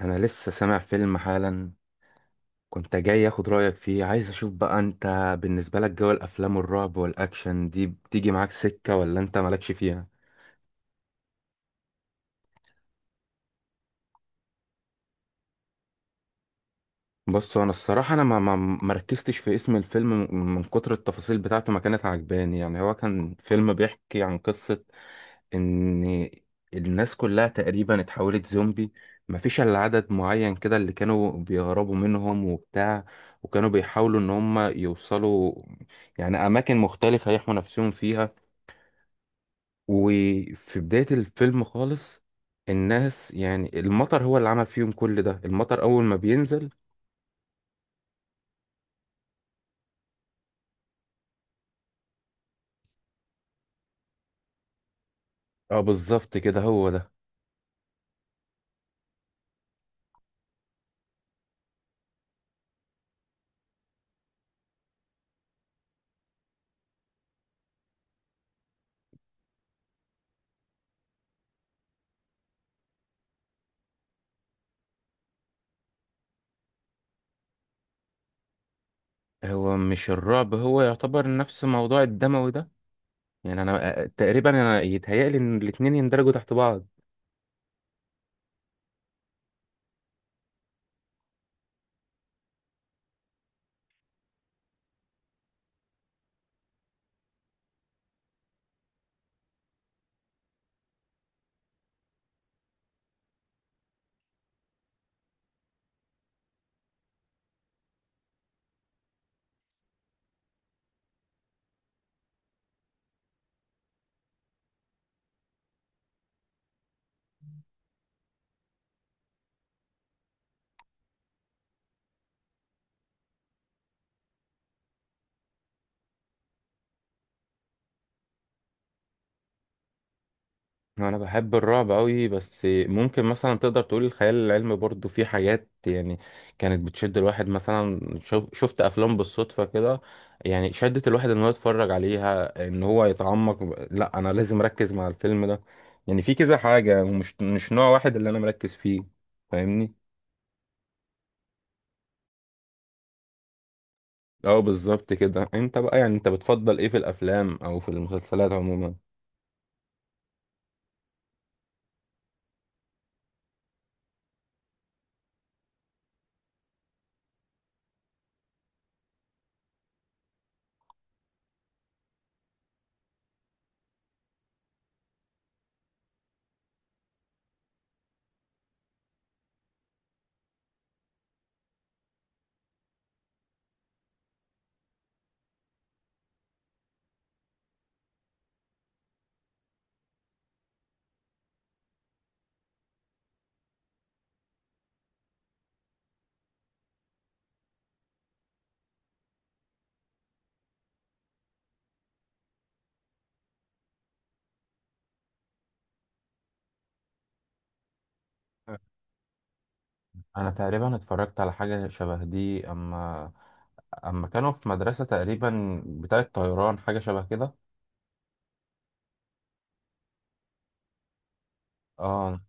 انا لسه سامع فيلم حالا، كنت جاي اخد رايك فيه. عايز اشوف بقى انت بالنسبه لك جو الافلام والرعب والاكشن دي بتيجي معاك سكه ولا انت مالكش فيها؟ بص انا الصراحه، انا ما ركزتش في اسم الفيلم من كتر التفاصيل بتاعته ما كانت عجباني. يعني هو كان فيلم بيحكي عن قصه ان الناس كلها تقريبا اتحولت زومبي، مفيش الا عدد معين كده اللي كانوا بيهربوا منهم وبتاع، وكانوا بيحاولوا ان هم يوصلوا يعني اماكن مختلفة يحموا نفسهم فيها. وفي بداية الفيلم خالص الناس، يعني المطر هو اللي عمل فيهم كل ده، المطر اول ما بينزل. اه بالظبط كده، هو ده. هو مش الرعب هو يعتبر نفس موضوع الدموي ده، يعني انا تقريبا انا يتهيألي ان الاتنين يندرجوا تحت بعض. انا بحب الرعب قوي، بس ممكن مثلا تقدر تقول الخيال العلمي برضو في حاجات يعني كانت بتشد الواحد. مثلا شوف، شفت افلام بالصدفة كده يعني شدت الواحد ان هو يتفرج عليها، ان هو يتعمق، لا انا لازم اركز مع الفيلم ده. يعني في كذا حاجة، ومش مش نوع واحد اللي انا مركز فيه، فاهمني؟ اه بالظبط كده. انت بقى يعني انت بتفضل ايه في الافلام او في المسلسلات عموما؟ انا تقريبا اتفرجت على حاجة شبه دي، اما كانوا في مدرسة تقريبا بتاعة طيران، حاجة شبه كده. اه.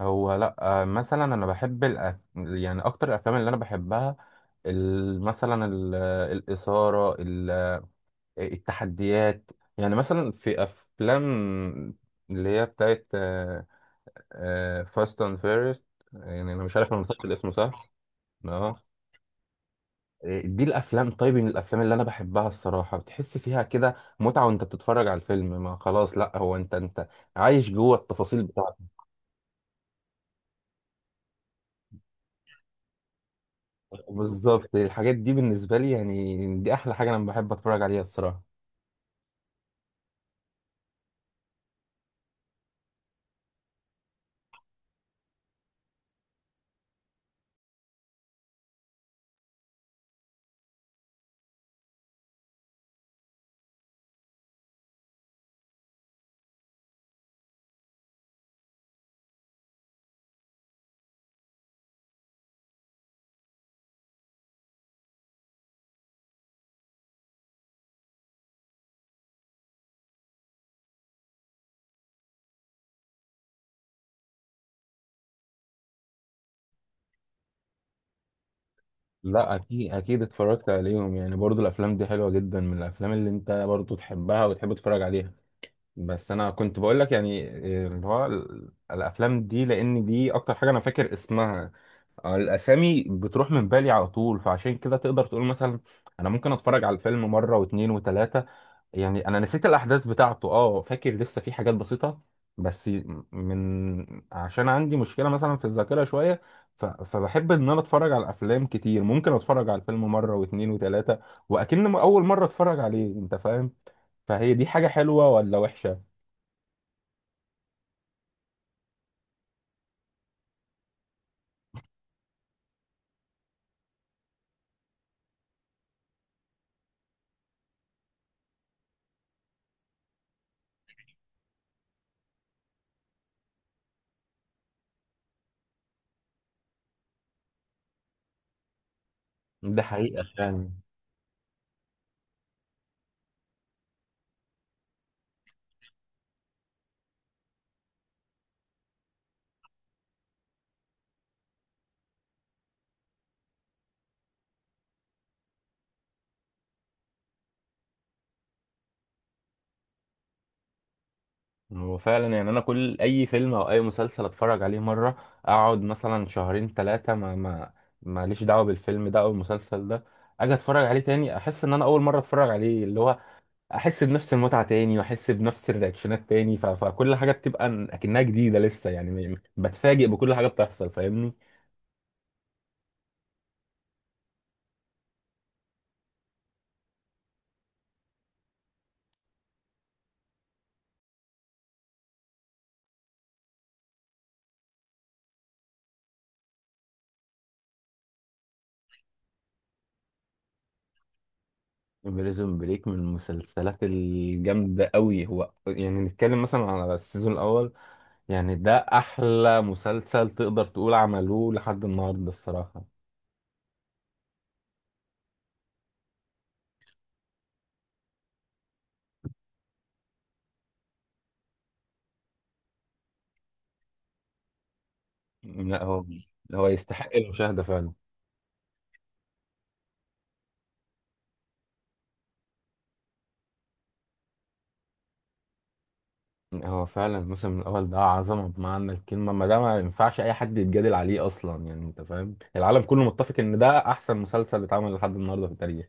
هو لا، آه مثلا انا بحب الأف... يعني اكتر الافلام اللي انا بحبها ال... مثلا ال... الاثارة، ال... التحديات. يعني مثلا في افلام اللي هي بتاعة فاست اند فيريس، يعني انا مش عارف انا نطقت الاسم صح. اه، دي الافلام. طيب من الافلام اللي انا بحبها الصراحه، بتحس فيها كده متعه وانت بتتفرج على الفيلم، ما خلاص لا، هو انت عايش جوه التفاصيل بتاعته. بالظبط، الحاجات دي بالنسبه لي يعني دي احلى حاجه انا بحب اتفرج عليها الصراحه. لا اكيد اكيد، اتفرجت عليهم يعني، برضو الافلام دي حلوه جدا من الافلام اللي انت برضو تحبها وتحب تتفرج عليها. بس انا كنت بقول لك يعني إيه اللي هو ال- الافلام دي، لان دي اكتر حاجه انا فاكر اسمها. الاسامي بتروح من بالي على طول، فعشان كده تقدر تقول مثلا انا ممكن اتفرج على الفيلم مره واتنين وتلاته، يعني انا نسيت الاحداث بتاعته. اه فاكر لسه في حاجات بسيطه، بس من عشان عندي مشكله مثلا في الذاكره شويه، ف... فبحب ان انا اتفرج على افلام كتير. ممكن اتفرج على الفيلم مره واتنين وتلاته واكن اول مره اتفرج عليه، انت فاهم؟ فهي دي حاجه حلوه ولا وحشه؟ ده حقيقه يعني. هو فعلا يعني انا كل اي فيلم او اي مسلسل اتفرج عليه مره، اقعد مثلا شهرين ثلاثه ما ماليش دعوه بالفيلم ده او المسلسل ده، اجي اتفرج عليه تاني احس ان انا اول مره اتفرج عليه، اللي هو احس بنفس المتعه تاني واحس بنفس الرياكشنات تاني. ف... فكل حاجه بتبقى ن- اكنها جديده لسه يعني، م- بتفاجئ بكل حاجه بتحصل، فاهمني؟ بريزون بريك من المسلسلات الجامده قوي هو، يعني نتكلم مثلا على السيزون الاول يعني ده احلى مسلسل تقدر تقول عملوه لحد النهارده الصراحه. لا هو، هو يستحق المشاهده فعلا. هو فعلا الموسم الاول ده عظمه بمعنى الكلمه، ما ده ما ينفعش اي حد يتجادل عليه اصلا يعني، انت فاهم العالم كله متفق ان ده احسن مسلسل اتعمل لحد النهارده في التاريخ.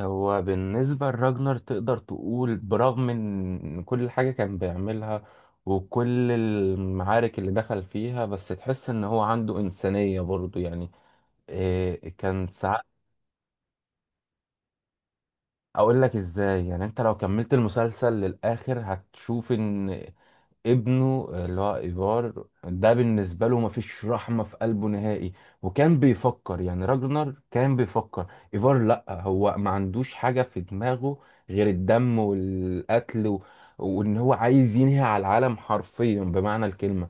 هو بالنسبة لراجنر تقدر تقول برغم ان كل حاجة كان بيعملها وكل المعارك اللي دخل فيها، بس تحس ان هو عنده إنسانية برضه يعني، إيه كان ساعات. اقول لك ازاي. يعني انت لو كملت المسلسل للآخر هتشوف ان ابنه اللي هو ايفار ده بالنسبه له مفيش رحمه في قلبه نهائي. وكان بيفكر يعني، راجنر كان بيفكر ايفار لا هو ما عندوش حاجه في دماغه غير الدم والقتل و... وان هو عايز ينهي على العالم حرفيا بمعنى الكلمه.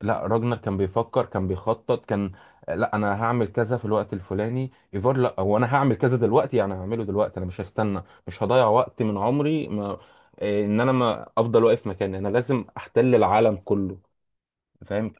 لا راجنر كان بيفكر، كان بيخطط، كان لا انا هعمل كذا في الوقت الفلاني. ايفار لا، هو انا هعمل كذا دلوقتي يعني، هعمله دلوقتي انا مش هستنى، مش هضيع وقت من عمري، ما إيه، ان انا ما افضل واقف مكاني، انا لازم احتل العالم كله، فاهم؟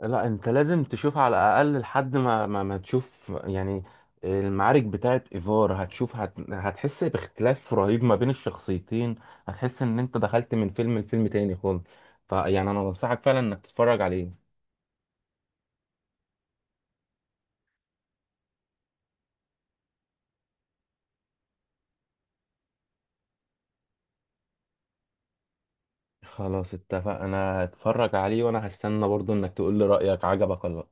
لا انت لازم تشوف على الاقل لحد ما تشوف يعني المعارك بتاعت ايفار. هتشوف، هت... هتحس باختلاف رهيب ما بين الشخصيتين، هتحس ان انت دخلت من فيلم لفيلم تاني خالص. فيعني انا بنصحك فعلا انك تتفرج عليه. خلاص اتفق، انا هتفرج عليه وانا هستنى برضو انك تقول لي رأيك عجبك ولا لأ.